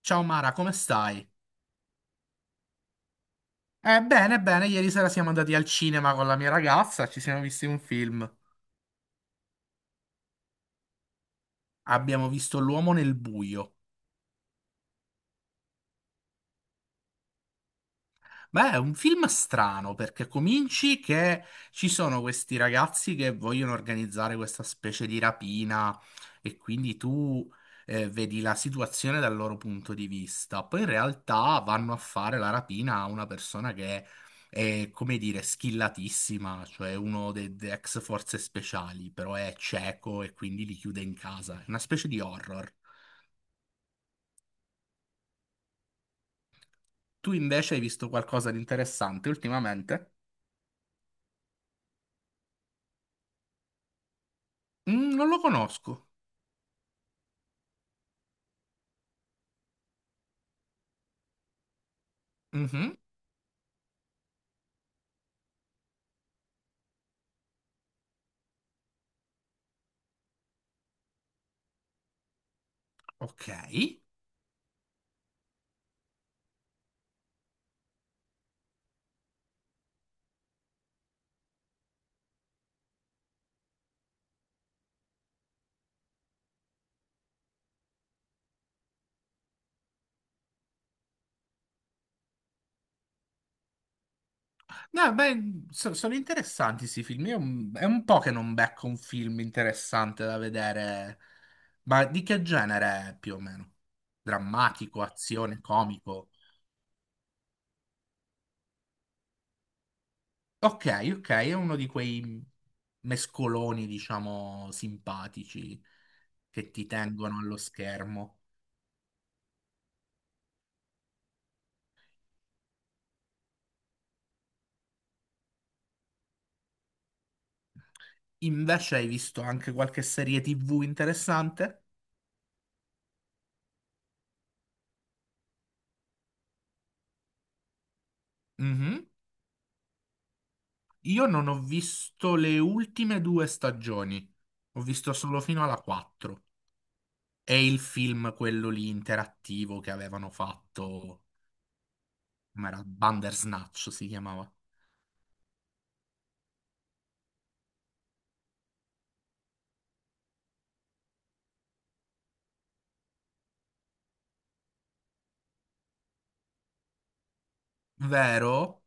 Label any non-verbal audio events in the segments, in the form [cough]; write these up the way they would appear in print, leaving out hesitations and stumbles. Ciao Mara, come stai? Bene, bene, ieri sera siamo andati al cinema con la mia ragazza, ci siamo visti un film. Abbiamo visto L'uomo nel buio. Beh, è un film strano perché cominci che ci sono questi ragazzi che vogliono organizzare questa specie di rapina e quindi tu vedi la situazione dal loro punto di vista. Poi in realtà vanno a fare la rapina a una persona che è, come dire, skillatissima, cioè uno dei ex forze speciali, però è cieco e quindi li chiude in casa. È una specie di horror. Tu invece hai visto qualcosa di interessante ultimamente? Mm, non lo conosco. Mhm. Ok. No, beh, sono interessanti questi film. Io, è un po' che non becco un film interessante da vedere. Ma di che genere è più o meno? Drammatico, azione, comico? Ok, ok, è uno di quei mescoloni, diciamo, simpatici che ti tengono allo schermo. Invece hai visto anche qualche serie TV interessante? Mhm. Io non ho visto le ultime due stagioni, ho visto solo fino alla 4. E il film, quello lì interattivo che avevano fatto, come era Bandersnatch si chiamava. Vero?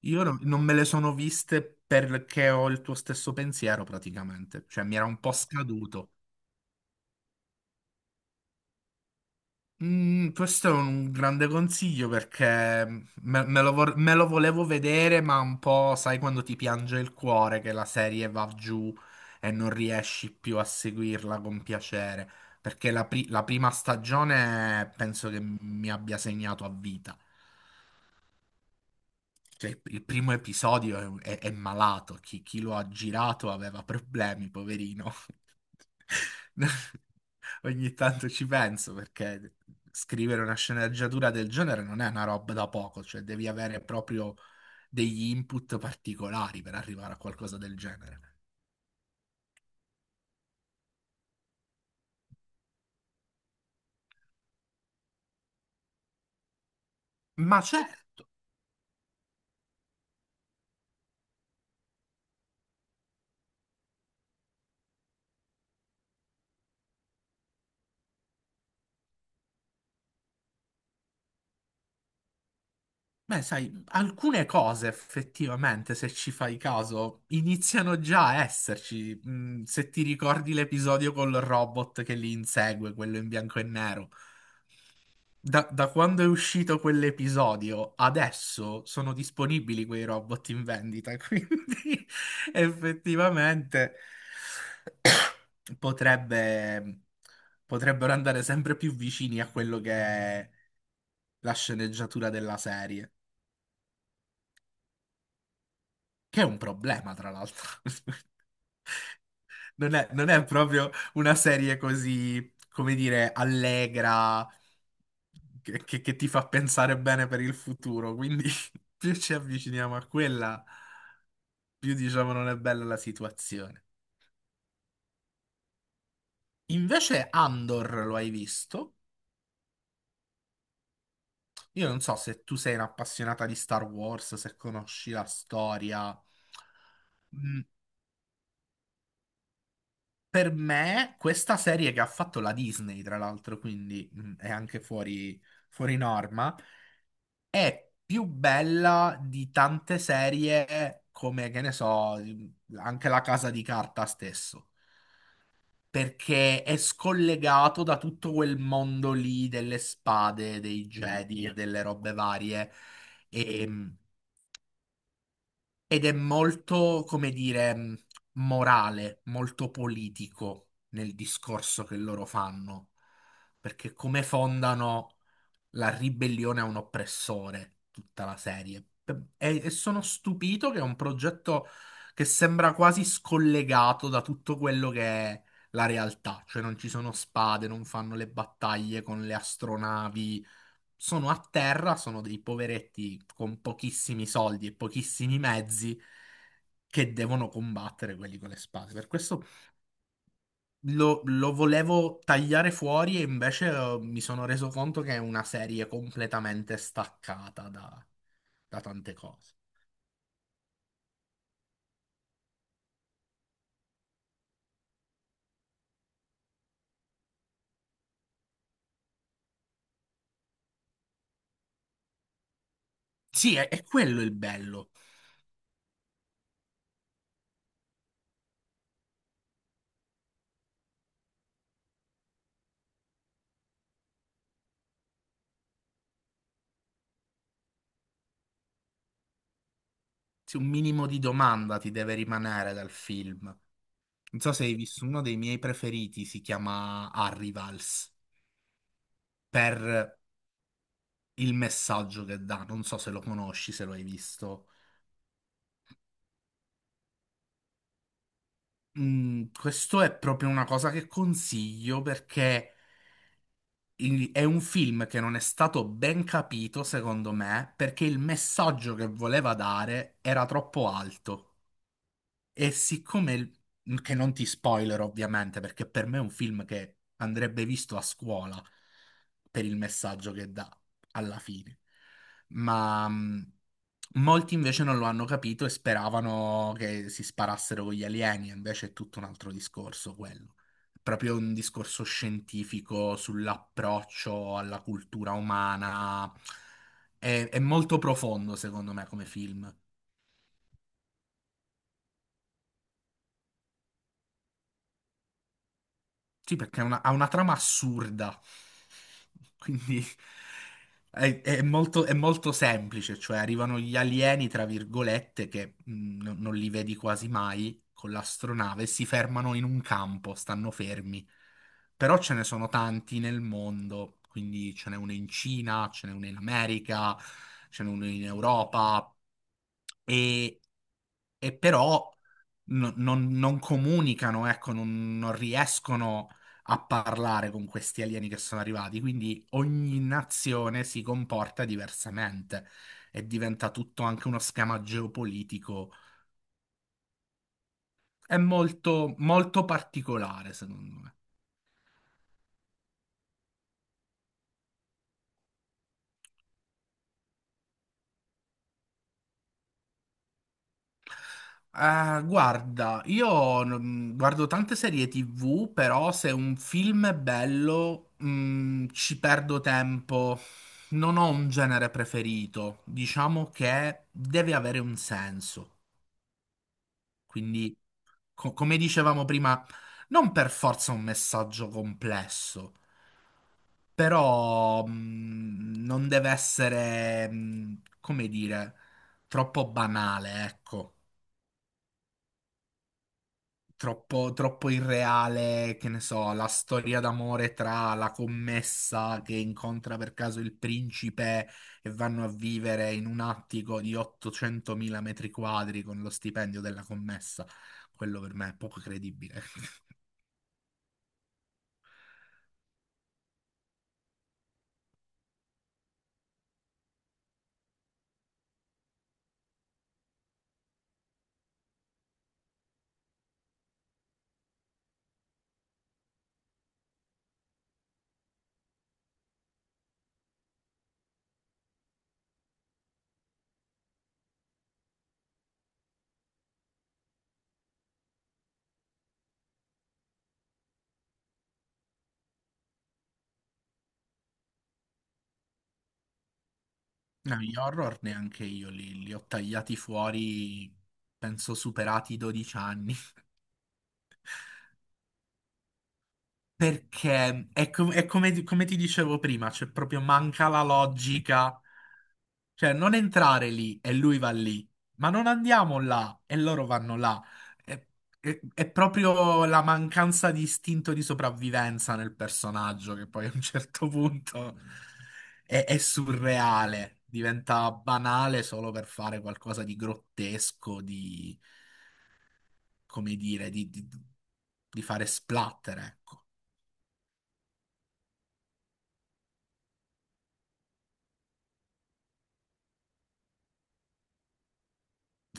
Io non me le sono viste perché ho il tuo stesso pensiero praticamente, cioè mi era un po' scaduto. Mm, questo è un grande consiglio perché me lo volevo vedere, ma un po' sai quando ti piange il cuore che la serie va giù e non riesci più a seguirla con piacere. Perché la prima stagione penso che mi abbia segnato a vita. Cioè, il primo episodio è malato, chi lo ha girato aveva problemi, poverino. [laughs] Ogni tanto ci penso perché scrivere una sceneggiatura del genere non è una roba da poco, cioè devi avere proprio degli input particolari per arrivare a qualcosa del genere. Ma certo. Beh, sai, alcune cose effettivamente, se ci fai caso, iniziano già a esserci. Mm, se ti ricordi l'episodio col robot che li insegue, quello in bianco e nero. Da quando è uscito quell'episodio, adesso sono disponibili quei robot in vendita, [laughs] quindi effettivamente potrebbe- potrebbero andare sempre più vicini a quello che è la sceneggiatura della serie, che è un problema, tra l'altro. [laughs] Non è proprio una serie così, come dire, allegra, che ti fa pensare bene per il futuro. Quindi [laughs] più ci avviciniamo a quella, più diciamo non è bella la situazione. Invece Andor lo hai visto? Io non so se tu sei un'appassionata di Star Wars, se conosci la storia. Mm, per me, questa serie che ha fatto la Disney, tra l'altro, quindi è anche fuori norma, è più bella di tante serie come, che ne so, anche La Casa di Carta stesso, perché è scollegato da tutto quel mondo lì delle spade, dei Jedi e delle robe varie. E- Ed è molto, come dire, morale, molto politico nel discorso che loro fanno, perché come fondano la ribellione a un oppressore, tutta la serie. E sono stupito che è un progetto che sembra quasi scollegato da tutto quello che è la realtà, cioè non ci sono spade, non fanno le battaglie con le astronavi, sono a terra, sono dei poveretti con pochissimi soldi e pochissimi mezzi che devono combattere quelli con le spade. Per questo lo volevo tagliare fuori e invece mi sono reso conto che è una serie completamente staccata da tante cose. Sì, è quello il bello. Sì, un minimo di domanda ti deve rimanere dal film. Non so se hai visto uno dei miei preferiti, si chiama Arrivals, per il messaggio che dà. Non so se lo conosci, se lo hai visto. Mm, questo è proprio una cosa che consiglio perché è un film che non è stato ben capito, secondo me, perché il messaggio che voleva dare era troppo alto. E siccome, che non ti spoiler ovviamente, perché per me è un film che andrebbe visto a scuola per il messaggio che dà alla fine, ma molti invece non lo hanno capito e speravano che si sparassero con gli alieni, invece è tutto un altro discorso quello. È proprio un discorso scientifico sull'approccio alla cultura umana. È molto profondo, secondo me, come film. Sì, perché ha una trama assurda. Quindi è molto semplice, cioè arrivano gli alieni, tra virgolette, che non li vedi quasi mai con l'astronave, si fermano in un campo, stanno fermi. Però ce ne sono tanti nel mondo, quindi ce n'è uno in Cina, ce n'è uno in America, ce n'è uno in Europa e, e però non comunicano, ecco, non riescono a parlare con questi alieni che sono arrivati, quindi ogni nazione si comporta diversamente e diventa tutto anche uno schema geopolitico. È molto, molto particolare, secondo me. Guarda, io non- guardo tante serie TV, però se un film è bello, ci perdo tempo. Non ho un genere preferito. Diciamo che deve avere un senso. Quindi, come dicevamo prima, non per forza un messaggio complesso, però non deve essere, come dire, troppo banale, ecco. Troppo irreale, che ne so, la storia d'amore tra la commessa che incontra per caso il principe e vanno a vivere in un attico di 800.000 metri quadri con lo stipendio della commessa. Quello per me è poco credibile. No, gli horror neanche io li ho tagliati fuori, penso superati i 12 anni, [laughs] perché è come, come ti dicevo prima, c'è proprio manca la logica. Cioè, non entrare lì e lui va lì, ma non andiamo là e loro vanno là. È, è proprio la mancanza di istinto di sopravvivenza nel personaggio che poi a un certo punto è surreale, diventa banale solo per fare qualcosa di grottesco, di, come dire, di fare splatter, ecco.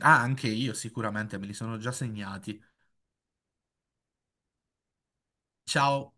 Ah, anche io sicuramente me li sono già segnati. Ciao.